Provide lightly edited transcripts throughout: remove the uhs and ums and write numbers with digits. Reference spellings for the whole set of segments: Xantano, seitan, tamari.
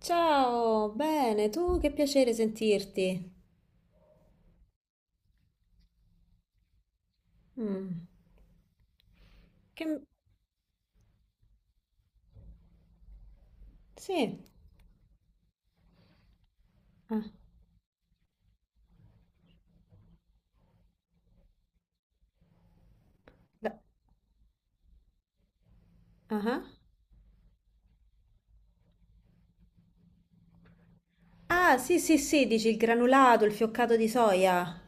Ciao, bene, tu che piacere sentirti. Mm. che... Sì. Ah, da- ah. Ah, sì, sì, sì, dici il granulato, il fioccato di soia.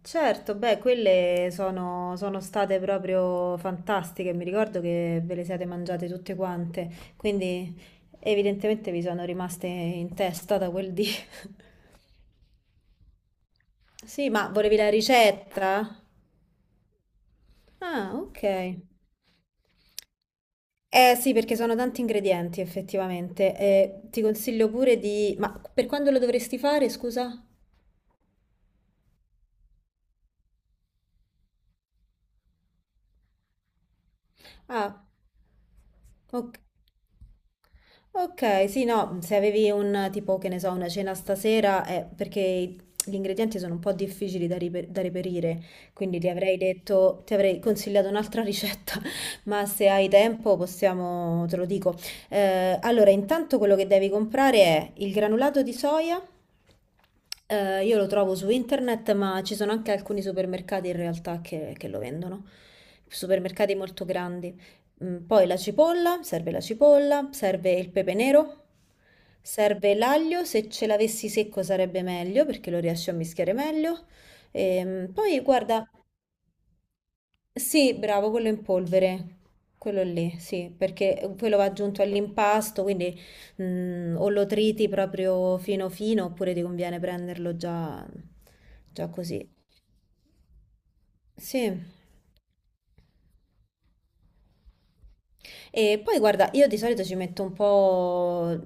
Certo, beh, quelle sono state proprio fantastiche, mi ricordo che ve le siete mangiate tutte quante, quindi evidentemente vi sono rimaste in testa da quel dì. Sì, ma volevi la ricetta? Ah, ok. Eh sì, perché sono tanti ingredienti effettivamente. Ti consiglio pure di... Ma per quando lo dovresti fare, scusa? Ah, ok. Ok, sì, no, se avevi un tipo, che ne so, una cena stasera, perché gli ingredienti sono un po' difficili da reperire, quindi ti avrei consigliato un'altra ricetta, ma se hai tempo possiamo, te lo dico. Allora, intanto quello che devi comprare è il granulato di soia. Io lo trovo su internet, ma ci sono anche alcuni supermercati in realtà che lo vendono. Supermercati molto grandi. Poi la cipolla, serve il pepe nero, serve l'aglio, se ce l'avessi secco sarebbe meglio perché lo riesci a mischiare meglio. Poi guarda, sì, bravo, quello in polvere, quello lì, sì, perché quello va aggiunto all'impasto, quindi o lo triti proprio fino fino, oppure ti conviene prenderlo già così. Sì. E poi guarda, io di solito ci metto un po'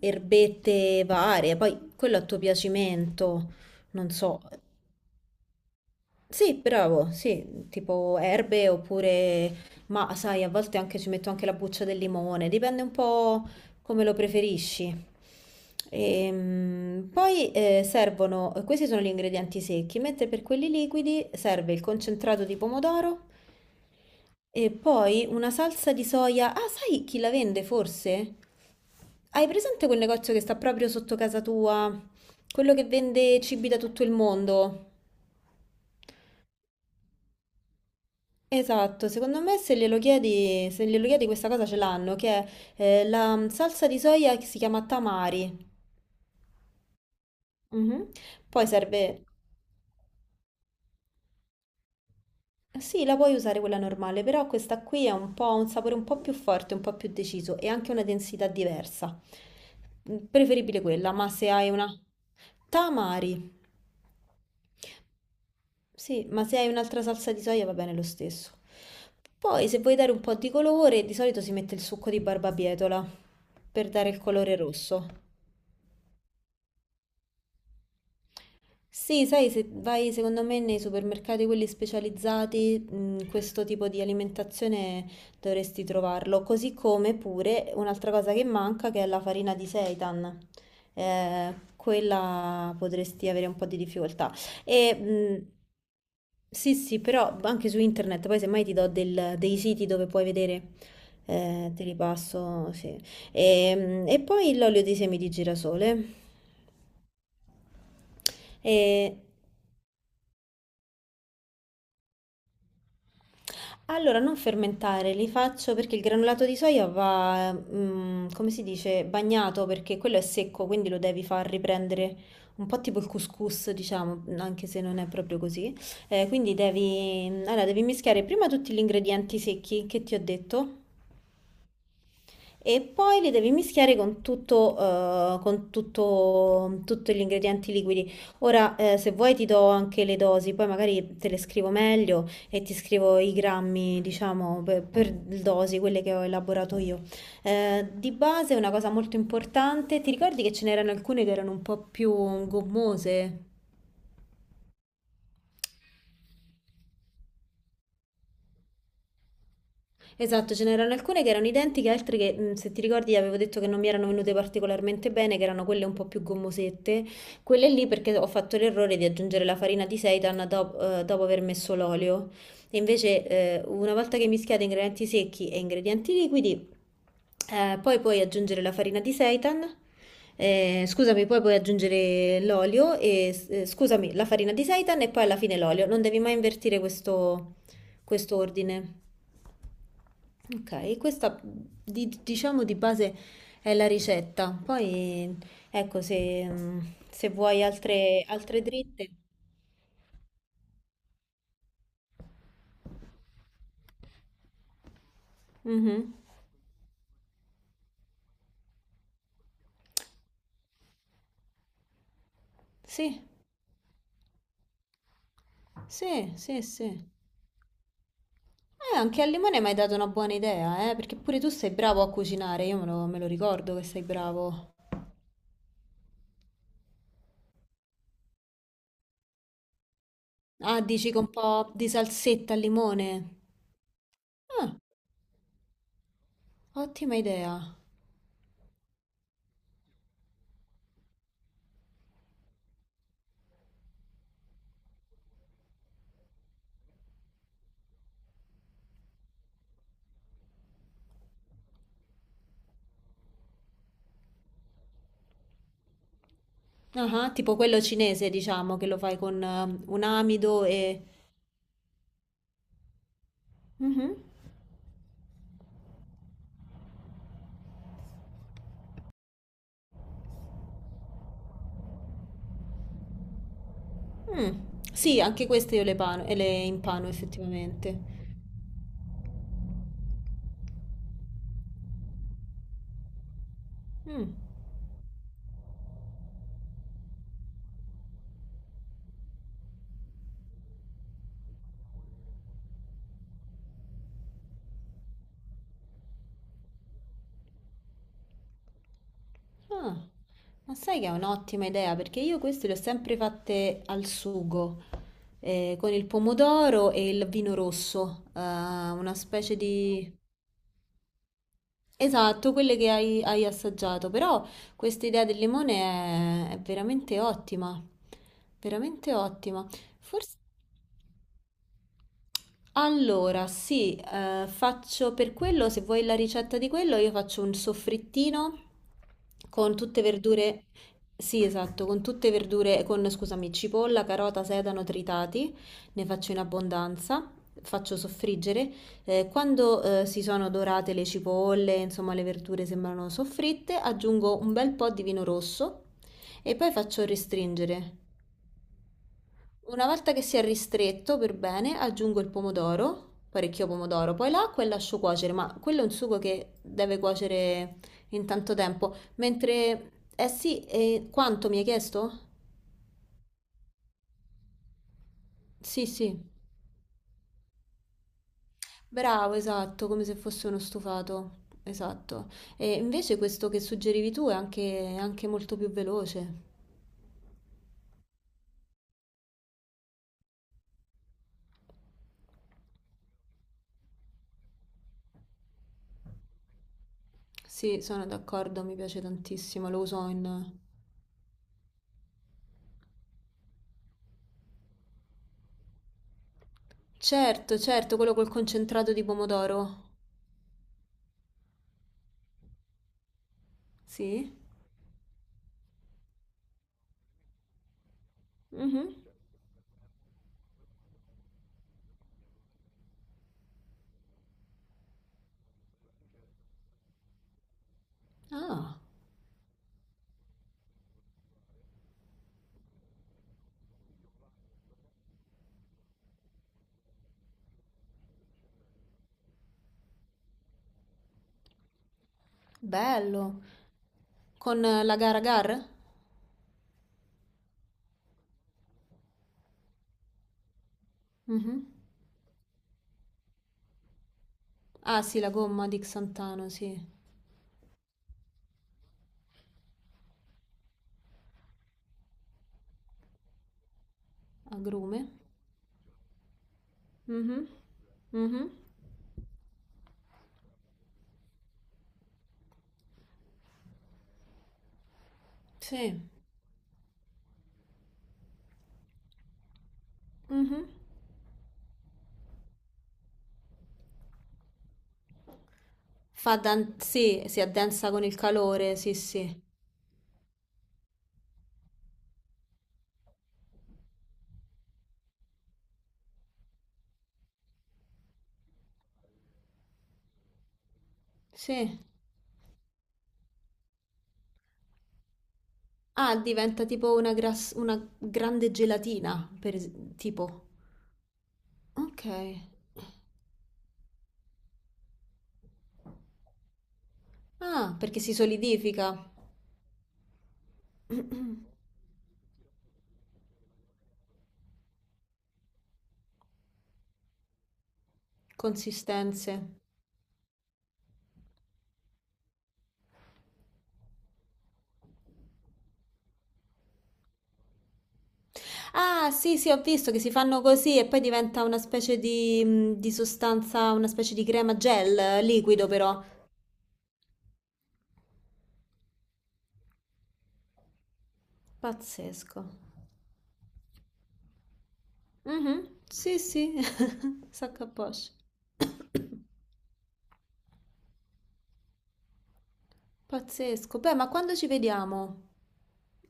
erbette varie, poi quello a tuo piacimento, non so, sì, bravo, sì, tipo erbe oppure, ma sai, a volte anche ci metto anche la buccia del limone, dipende un po' come lo preferisci. Poi servono, questi sono gli ingredienti secchi, mentre per quelli liquidi serve il concentrato di pomodoro e poi una salsa di soia. Ah, sai chi la vende forse? Hai presente quel negozio che sta proprio sotto casa tua? Quello che vende cibi da tutto il mondo? Esatto, secondo me se glielo chiedi questa cosa ce l'hanno, che è la salsa di soia che si chiama tamari. Mhm. Poi serve, sì, la puoi usare quella normale, però questa qui è un po', ha un sapore un po' più forte, un po' più deciso e anche una densità diversa. Preferibile quella, ma se hai una... Tamari. Sì, ma se hai un'altra salsa di soia va bene lo stesso. Poi se vuoi dare un po' di colore, di solito si mette il succo di barbabietola per dare il colore rosso. Sì, sai, se vai secondo me nei supermercati quelli specializzati, questo tipo di alimentazione dovresti trovarlo. Così come pure un'altra cosa che manca che è la farina di seitan. Quella potresti avere un po' di difficoltà. E, sì, sì, però anche su internet, poi semmai ti do dei siti dove puoi vedere, te li passo, sì. E poi l'olio di semi di girasole. E allora non fermentare, li faccio perché il granulato di soia va, come si dice, bagnato perché quello è secco, quindi lo devi far riprendere un po' tipo il couscous, diciamo, anche se non è proprio così. Quindi devi, allora, devi mischiare prima tutti gli ingredienti secchi che ti ho detto. E poi li devi mischiare con tutto, con tutti gli ingredienti liquidi. Ora, se vuoi ti do anche le dosi, poi magari te le scrivo meglio e ti scrivo i grammi, diciamo, per dosi, quelle che ho elaborato io. Di base, una cosa molto importante, ti ricordi che ce n'erano alcune che erano un po' più gommose? Esatto, ce n'erano alcune che erano identiche, altre che, se ti ricordi, avevo detto che non mi erano venute particolarmente bene, che erano quelle un po' più gommosette. Quelle lì perché ho fatto l'errore di aggiungere la farina di seitan dopo aver messo l'olio. E invece, una volta che mischiate ingredienti secchi e ingredienti liquidi, poi puoi aggiungere la farina di seitan. Scusami, poi puoi aggiungere l'olio e, scusami, la farina di seitan e poi alla fine l'olio. Non devi mai invertire questo ordine. Ok, questa diciamo di base è la ricetta. Poi ecco se vuoi altre dritte. Mhm. Sì, sì, sì, sì. Anche al limone mi hai dato una buona idea, perché pure tu sei bravo a cucinare, io me lo ricordo che sei bravo. Ah, dici con un po' di salsetta al limone. Ah, ottima idea. Ah, ah, tipo quello cinese, diciamo, che lo fai con un amido e... Mhm. Mh. Sì, anche queste io le pano e le impano effettivamente. Mh. Ah. Ma sai che è un'ottima idea, perché io queste le ho sempre fatte al sugo, con il pomodoro e il vino rosso, una specie di... Esatto, quelle che hai assaggiato, però questa idea del limone è veramente ottima, veramente ottima. Forse... Allora, sì, faccio per quello, se vuoi la ricetta di quello, io faccio un soffrittino con tutte verdure, sì, esatto, con tutte verdure, con, scusami, cipolla, carota, sedano tritati, ne faccio in abbondanza, faccio soffriggere. Quando, si sono dorate le cipolle, insomma, le verdure sembrano soffritte, aggiungo un bel po' di vino rosso e poi faccio restringere. Una volta che si è ristretto per bene, aggiungo il pomodoro, parecchio pomodoro, poi l'acqua e lascio cuocere, ma quello è un sugo che deve cuocere in tanto tempo. Mentre, eh sì, e quanto mi hai chiesto? Sì, sì, bravo, esatto, come se fosse uno stufato, esatto. E invece questo che suggerivi tu è anche molto più veloce. Sì, sono d'accordo, mi piace tantissimo, lo uso in... Certo, certo, quello col concentrato di pomodoro. Sì? Mhm. Ah, bello. Con la Garagar? Mhm. Ah sì, la gomma di Xantano, sì. Agrume. Mhm. Mhm. Sì. Mhm. Sì, si addensa con il calore, sì, sì. Sì. Ah, diventa tipo una grande gelatina, tipo. Ok. Ah, perché si solidifica. Consistenze. Ah, sì, sì, ho visto che si fanno così e poi diventa una specie di sostanza, una specie di crema gel liquido però. Pazzesco. Mhm, sì, sì, sacco a poche. Pazzesco. Beh, ma quando ci vediamo?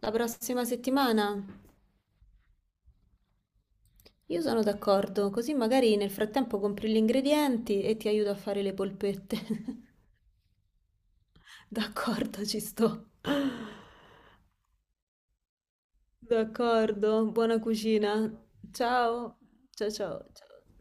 La prossima settimana? Io sono d'accordo, così magari nel frattempo compri gli ingredienti e ti aiuto a fare le polpette. D'accordo, ci sto. D'accordo, buona cucina. Ciao, ciao, ciao. Ciao.